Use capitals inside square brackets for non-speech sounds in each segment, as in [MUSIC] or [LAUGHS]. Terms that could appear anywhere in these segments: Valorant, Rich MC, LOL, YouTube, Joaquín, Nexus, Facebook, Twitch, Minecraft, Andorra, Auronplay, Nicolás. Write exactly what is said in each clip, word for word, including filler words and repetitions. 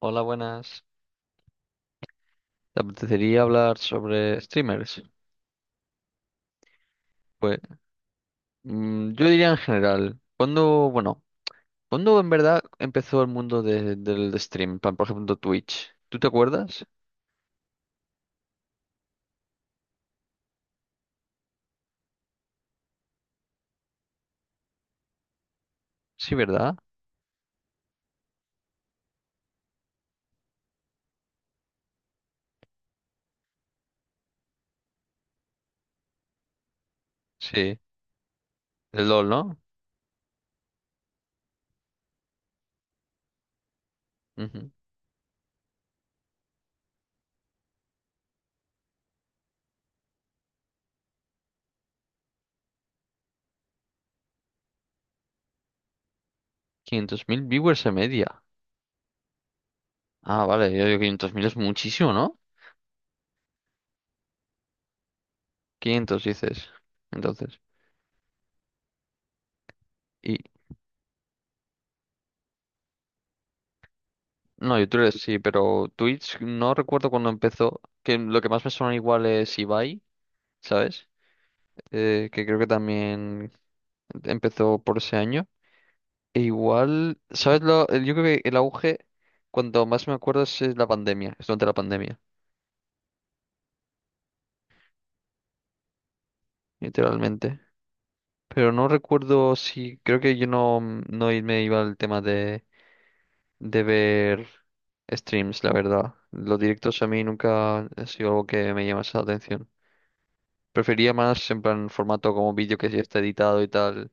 Hola, buenas. ¿Te apetecería hablar sobre streamers? Pues mm, yo diría en general, ¿cuándo, bueno, cuándo en verdad empezó el mundo de- del stream? Pa- Por ejemplo, Twitch. ¿Tú te acuerdas? Sí, ¿verdad? Sí. El LOL, ¿no? Ujú. Quinientos mil viewers en media. Ah, vale, yo digo quinientos mil es muchísimo, ¿no? quinientos dices. Entonces. Y no, YouTube sí, pero Twitch no recuerdo cuándo empezó. Que lo que más me suena igual es Ibai, ¿sabes? Eh, que creo que también empezó por ese año. E igual, ¿sabes lo? Yo creo que el auge, cuando más me acuerdo, es eh, la pandemia, es durante la pandemia, literalmente. Pero no recuerdo si, creo que yo no, mm, no i- me iba al tema de, de ver streams, la verdad. Los directos a mí nunca ha sido algo que me llamase la atención. Prefería más en plan formato como vídeo que ya está editado y tal,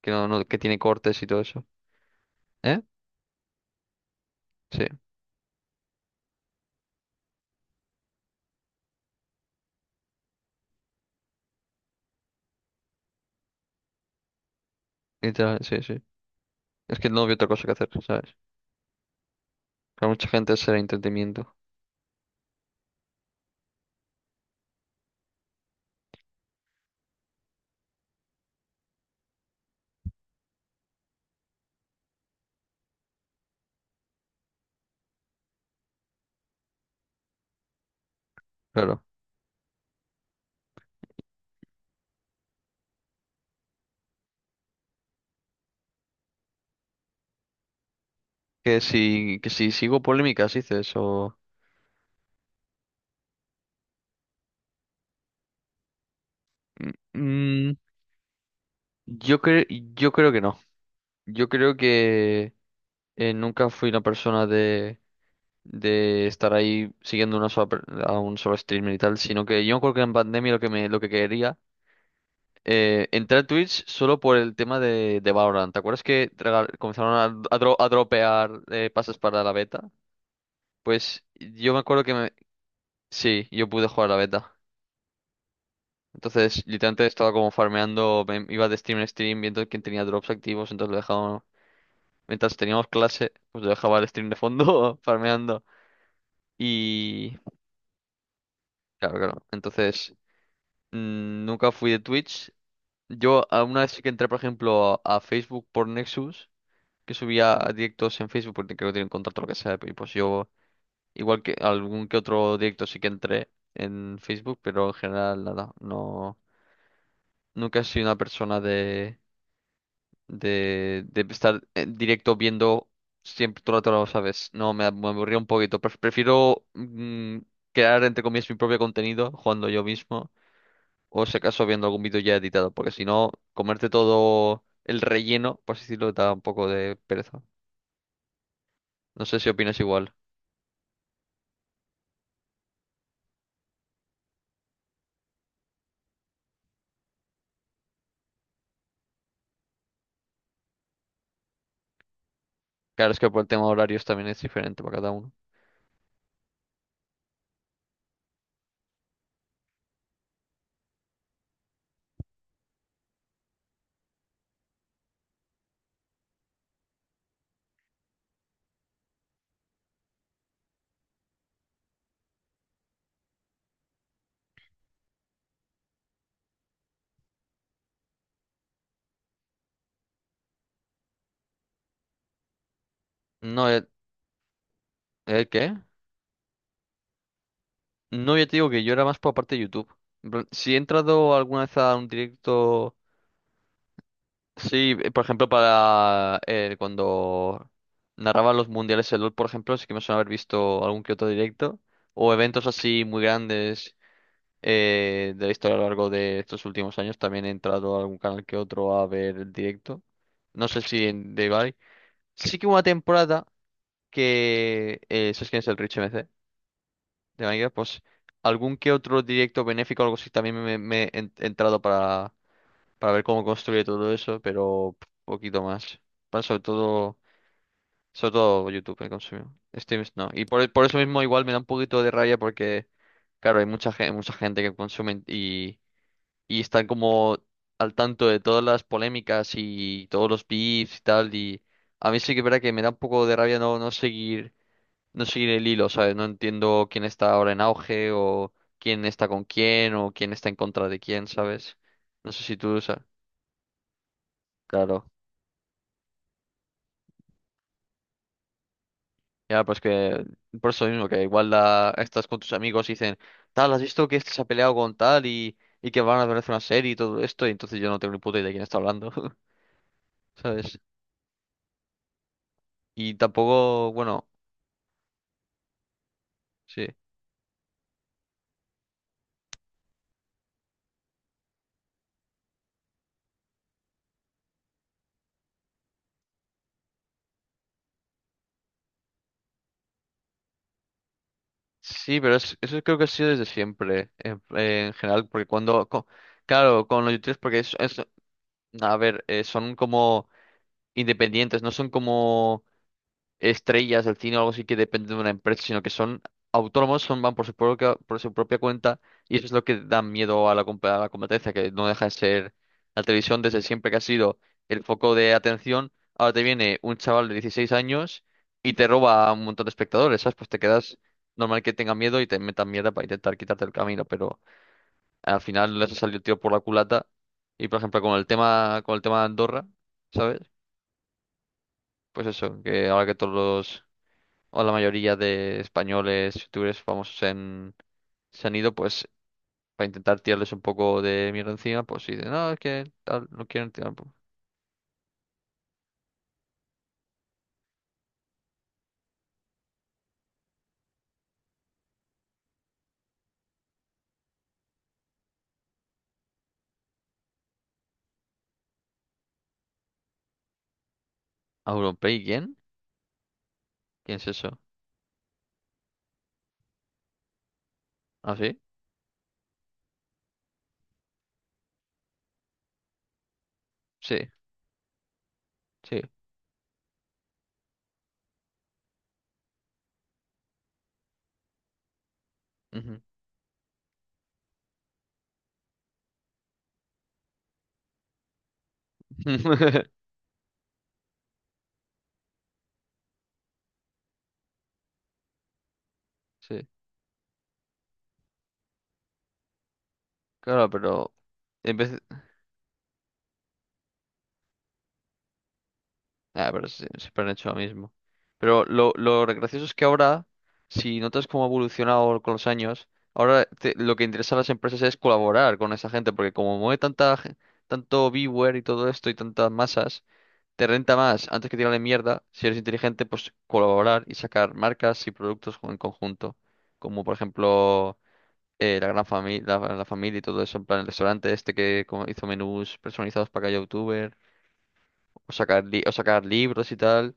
que no, no- que tiene cortes y todo eso. ¿Eh? Sí, literal, sí, sí. Es que no había otra cosa que hacer, ¿sabes? Que a mucha gente será entretenimiento, claro. Que si, que si sigo polémicas, dices, o. Mm, mm, yo creo, yo creo que no. Yo creo que eh, nunca fui una persona de, de estar ahí siguiendo una sola per- a un solo streamer y tal, sino que yo creo que en pandemia lo que me, lo que quería, eh, entrar a Twitch solo por el tema de, de Valorant. ¿Te acuerdas que regal- comenzaron a, a dro- a dropear eh, pases para la beta? Pues yo me acuerdo que me. Sí, yo pude jugar la beta. Entonces, literalmente estaba como farmeando, me- iba de stream en stream viendo quién tenía drops activos, entonces lo dejaba, mientras teníamos clase, pues lo dejaba el stream de fondo [LAUGHS] farmeando. Y claro, claro. Entonces, mm, nunca fui de Twitch. Yo a- una vez sí que entré, por ejemplo, a, a Facebook por Nexus, que subía directos en Facebook porque creo que tienen contrato o lo que sea, y pues yo, igual que algún que otro directo sí que entré en Facebook, pero en general nada, no, nunca he sido una persona de, de estar en directo viendo siempre todo el rato, lo ¿sabes? No, me, me aburría un poquito. Pref- Prefiero mm, crear, entre comillas, mi propio contenido jugando yo mismo o si acaso viendo algún vídeo ya editado, porque si no, comerte todo el relleno, por así decirlo, da un poco de pereza. No sé si opinas igual. Claro, es que por el tema de horarios también es diferente para cada uno. No, ¿el, el qué? No, ya te digo que yo era más por la parte de YouTube. En plan, si he entrado alguna vez a un directo. Sí, eh, por ejemplo, para eh, cuando narraban los mundiales de LOL, por ejemplo, sí que me suena haber visto algún que otro directo o eventos así muy grandes eh, de la historia a lo largo de estos últimos años. También he entrado a algún canal que otro a ver el directo. No sé si en de Ibai. Sí que hubo una temporada que, eh, ¿sabes quién es el Rich M C de Minecraft? Pues algún que otro directo benéfico o algo así también me me- me he en- entrado para ver cómo construye todo eso, pero poquito más. Bueno, sobre todo, sobre todo YouTube he consumido. Steam no. Y por, por eso mismo igual me da un poquito de rabia porque, claro, hay mucha gente, mucha gente que consume y, y están como al tanto de todas las polémicas y todos los beefs y tal. Y a mí sí que es verdad que me da un poco de rabia no, no seguir, no seguir el hilo, ¿sabes? No entiendo quién está ahora en auge o quién está con quién o quién está en contra de quién, ¿sabes? No sé si tú, o sea, claro. Ya, pues que por eso mismo, que igual la, estás con tus amigos y dicen, tal, ¿has visto que este se ha peleado con tal y, y que van a ver una serie y todo esto? Y entonces yo no tengo ni puta idea de quién está hablando, [LAUGHS] ¿sabes? Y tampoco, bueno, sí. Sí, pero es- eso creo que ha sido desde siempre, en, en general, porque cuando, co- claro, con los youtubers, porque es, es- a ver, eh, son como independientes, no son como estrellas del cine o algo así que dependen de una empresa, sino que son autónomos, son, van por su propia, por su propia cuenta y eso es lo que da miedo a la, comp- a la competencia, que no deja de ser la televisión desde siempre que ha sido el foco de atención. Ahora te viene un chaval de dieciséis años y te roba a un montón de espectadores, ¿sabes? Pues te quedas normal que tenga miedo y te metan mierda para intentar quitarte el camino, pero al final les ha salido el tiro por la culata. Y por ejemplo, con el tema, con el tema de Andorra, ¿sabes? Pues eso, que ahora que todos los o la mayoría de españoles, youtubers famosos en, se han ido, pues, para intentar tirarles un poco de mierda encima, pues, y dicen, no, es que tal, no quieren tirar. Pues. ¿A ¿Auronplay quién? ¿Quién es eso? ¿Ah, sí? Sí, sí. Ujú. [LAUGHS] Sí, claro, pero en vez. Ah, pero sí, siempre han hecho lo mismo. Pero lo, lo re- gracioso es que ahora, si notas cómo ha evolucionado con los años, ahora te- lo que interesa a las empresas es colaborar con esa gente, porque como mueve tanta, gen- tanto viewer y todo esto y tantas masas, te renta más antes que tirarle mierda, si eres inteligente, pues colaborar y sacar marcas y productos con- en conjunto. Como por ejemplo eh, la gran familia, la, la familia y todo eso, en plan el restaurante este que como hizo menús personalizados para cada youtuber, o sacar, li- o sacar libros y tal.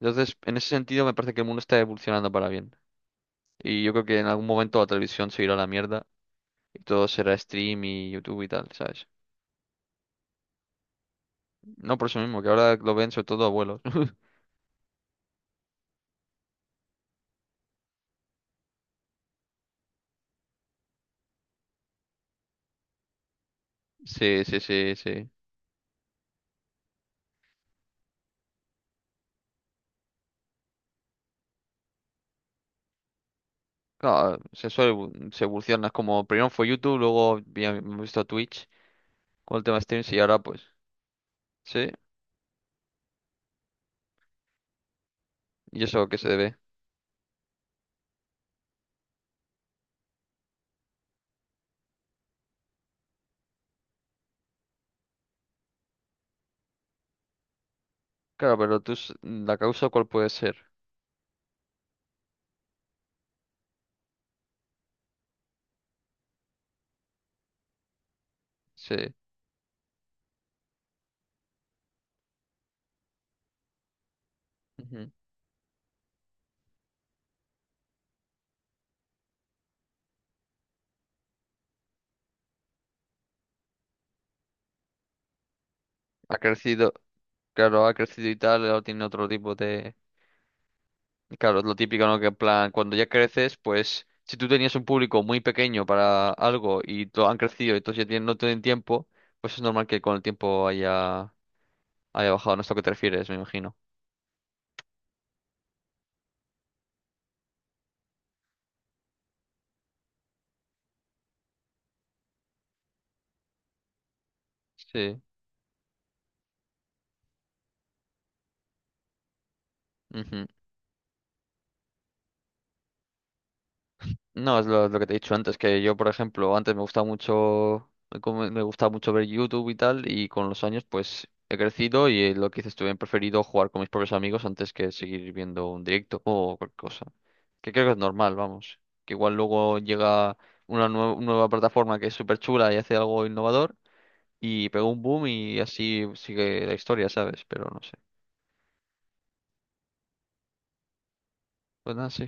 Entonces, en ese sentido, me parece que el mundo está evolucionando para bien. Y yo creo que en algún momento la televisión se irá a la mierda y todo será stream y YouTube y tal, ¿sabes? No por eso mismo, que ahora lo ven sobre todo abuelos. [LAUGHS] Sí, sí, sí, sí. Claro, se, suele evo- se evoluciona. Es como primero fue YouTube, luego vi- hemos visto Twitch con el tema de streams y ahora pues, sí. ¿Y eso a qué se debe? Claro, pero tú, s- la causa, ¿cuál puede ser? Sí. Ujú. Ha crecido, claro, ha crecido y tal, ahora tiene otro tipo de. Claro, es lo típico, ¿no? Que en plan, cuando ya creces, pues si tú tenías un público muy pequeño para algo y to- han crecido y entonces ya tienen- no tienen tiempo, pues es normal que con el tiempo haya, haya bajado. No es a lo que te refieres, me imagino. Sí. Ujú. No, es lo, lo que te he dicho antes, que yo, por ejemplo, antes me gustaba mucho, me come- me gustaba mucho ver YouTube y tal, y con los años, pues, he crecido y eh, lo que dices tú, he preferido jugar con mis propios amigos antes que seguir viendo un directo o cualquier cosa. Que creo que es normal, vamos. Que igual luego llega una nue- nueva plataforma que es súper chula y hace algo innovador y pega un boom y así sigue la historia, ¿sabes? Pero no sé. Pues nada, sí.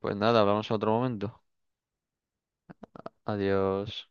Pues nada, hablamos en otro momento. Adiós.